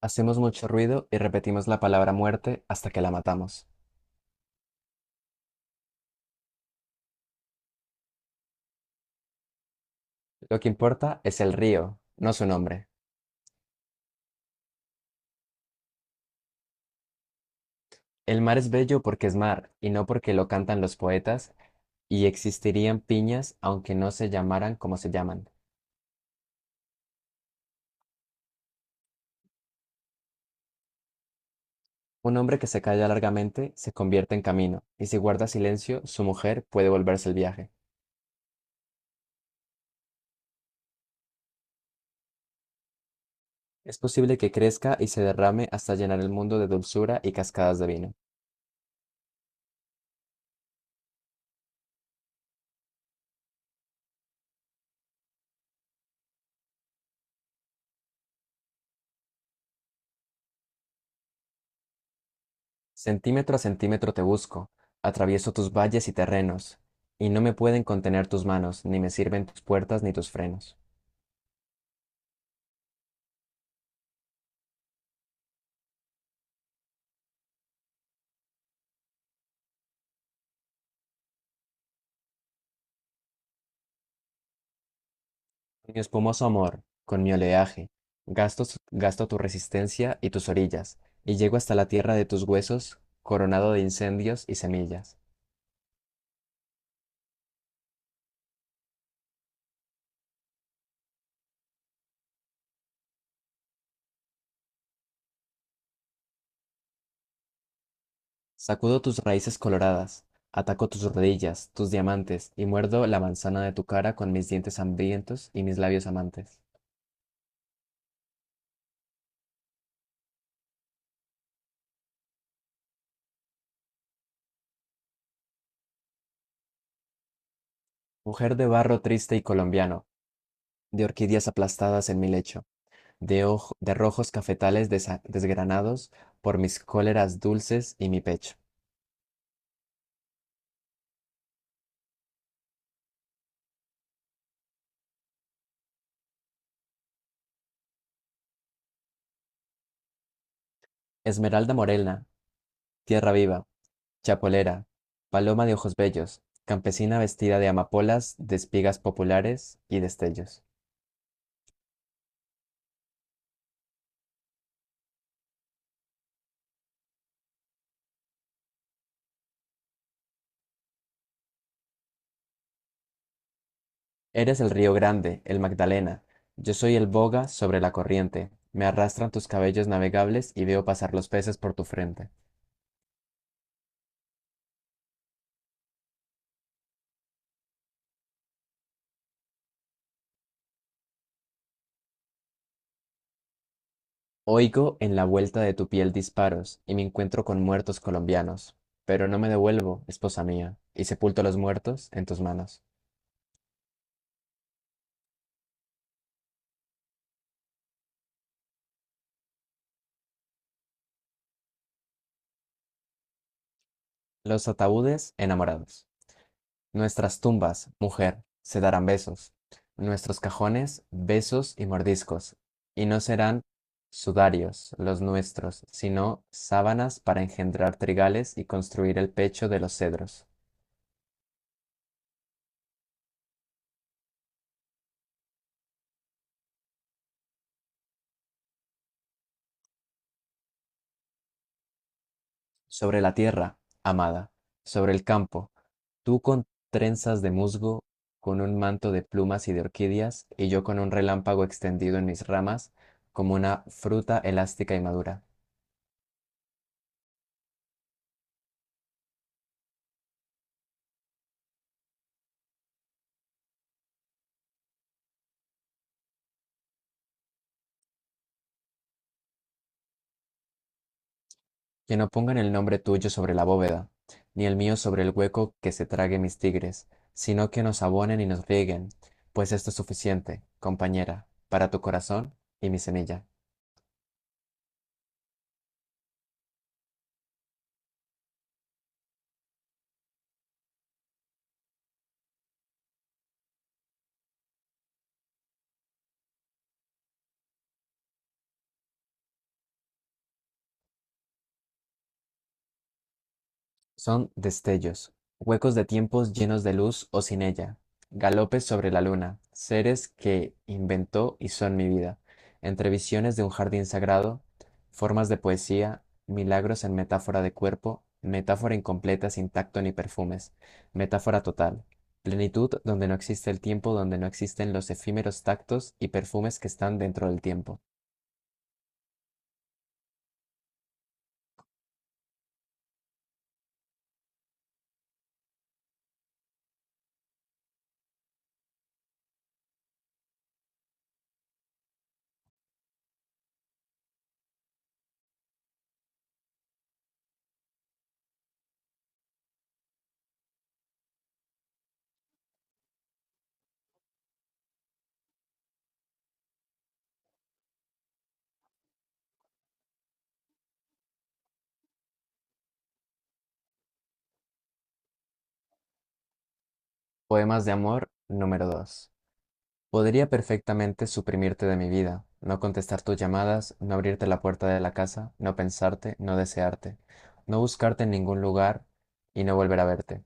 Hacemos mucho ruido y repetimos la palabra muerte hasta que la matamos. Lo que importa es el río, no su nombre. El mar es bello porque es mar y no porque lo cantan los poetas, y existirían piñas aunque no se llamaran como se llaman. Un hombre que se calla largamente se convierte en camino, y si guarda silencio, su mujer puede volverse el viaje. Es posible que crezca y se derrame hasta llenar el mundo de dulzura y cascadas de vino. Centímetro a centímetro te busco, atravieso tus valles y terrenos, y no me pueden contener tus manos, ni me sirven tus puertas ni tus frenos. Con mi espumoso amor, con mi oleaje, gasto, gasto tu resistencia y tus orillas, y llego hasta la tierra de tus huesos, coronado de incendios y semillas. Sacudo tus raíces coloradas, ataco tus rodillas, tus diamantes, y muerdo la manzana de tu cara con mis dientes hambrientos y mis labios amantes. Mujer de barro triste y colombiano, de orquídeas aplastadas en mi lecho, de rojos cafetales desgranados por mis cóleras dulces y mi pecho. Esmeralda morena, tierra viva, chapolera, paloma de ojos bellos, campesina vestida de amapolas, de espigas populares y destellos. Eres el río grande, el Magdalena. Yo soy el boga sobre la corriente. Me arrastran tus cabellos navegables y veo pasar los peces por tu frente. Oigo en la vuelta de tu piel disparos y me encuentro con muertos colombianos, pero no me devuelvo, esposa mía, y sepulto a los muertos en tus manos. Los ataúdes enamorados. Nuestras tumbas, mujer, se darán besos. Nuestros cajones, besos y mordiscos. Y no serán sudarios los nuestros, sino sábanas para engendrar trigales y construir el pecho de los cedros. Sobre la tierra, amada, sobre el campo, tú con trenzas de musgo, con un manto de plumas y de orquídeas, y yo con un relámpago extendido en mis ramas, como una fruta elástica y madura. Que no pongan el nombre tuyo sobre la bóveda, ni el mío sobre el hueco que se trague mis tigres, sino que nos abonen y nos rieguen, pues esto es suficiente, compañera, para tu corazón y mi semilla. Son destellos, huecos de tiempos llenos de luz o sin ella, galopes sobre la luna, seres que inventó y son mi vida, entre visiones de un jardín sagrado, formas de poesía, milagros en metáfora de cuerpo, metáfora incompleta sin tacto ni perfumes, metáfora total, plenitud donde no existe el tiempo, donde no existen los efímeros tactos y perfumes que están dentro del tiempo. Poemas de amor número 2. Podría perfectamente suprimirte de mi vida, no contestar tus llamadas, no abrirte la puerta de la casa, no pensarte, no desearte, no buscarte en ningún lugar y no volver a verte.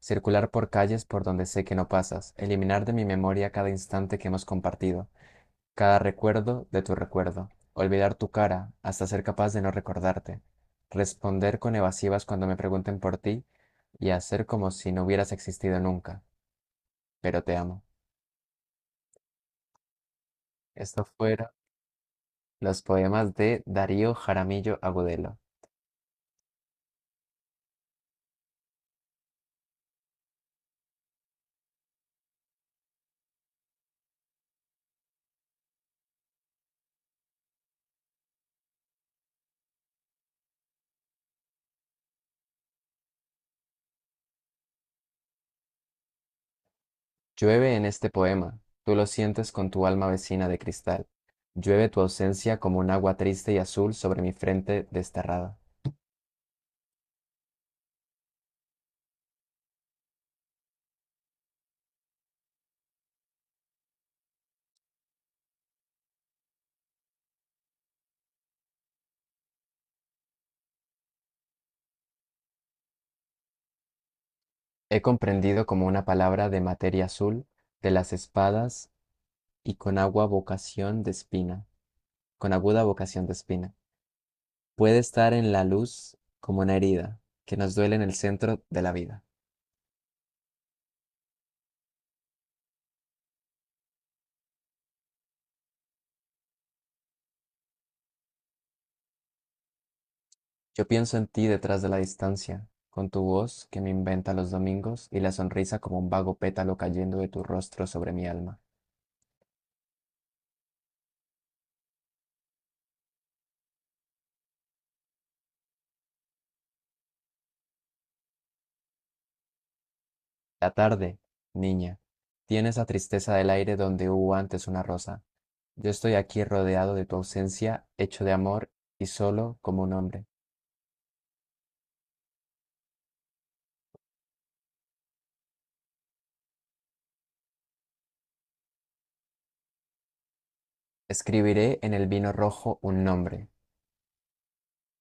Circular por calles por donde sé que no pasas, eliminar de mi memoria cada instante que hemos compartido, cada recuerdo de tu recuerdo, olvidar tu cara hasta ser capaz de no recordarte, responder con evasivas cuando me pregunten por ti y hacer como si no hubieras existido nunca, pero te amo. Esto fuera. Los poemas de Darío Jaramillo Agudelo. Llueve en este poema, tú lo sientes con tu alma vecina de cristal. Llueve tu ausencia como un agua triste y azul sobre mi frente desterrada. He comprendido como una palabra de materia azul, de las espadas y con agua vocación de espina, con aguda vocación de espina. Puede estar en la luz como una herida que nos duele en el centro de la vida. Yo pienso en ti detrás de la distancia, con tu voz que me inventa los domingos y la sonrisa como un vago pétalo cayendo de tu rostro sobre mi alma. La tarde, niña, tiene esa tristeza del aire donde hubo antes una rosa. Yo estoy aquí rodeado de tu ausencia, hecho de amor y solo como un hombre. Escribiré en el vino rojo un nombre,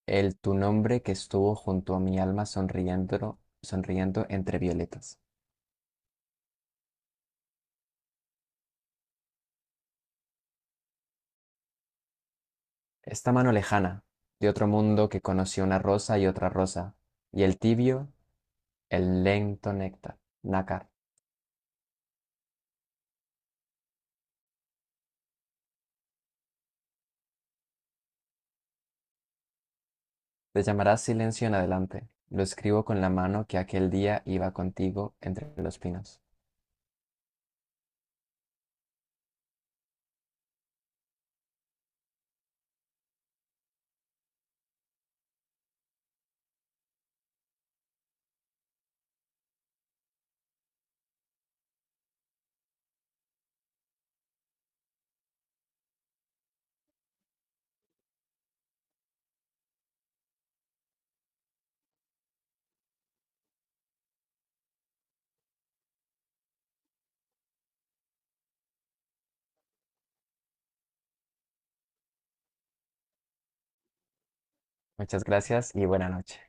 el tu nombre que estuvo junto a mi alma sonriendo, sonriendo entre violetas. Esta mano lejana, de otro mundo que conoció una rosa y otra rosa, y el tibio, el lento néctar, nácar. Te llamarás silencio en adelante. Lo escribo con la mano que aquel día iba contigo entre los pinos. Muchas gracias y buena noche.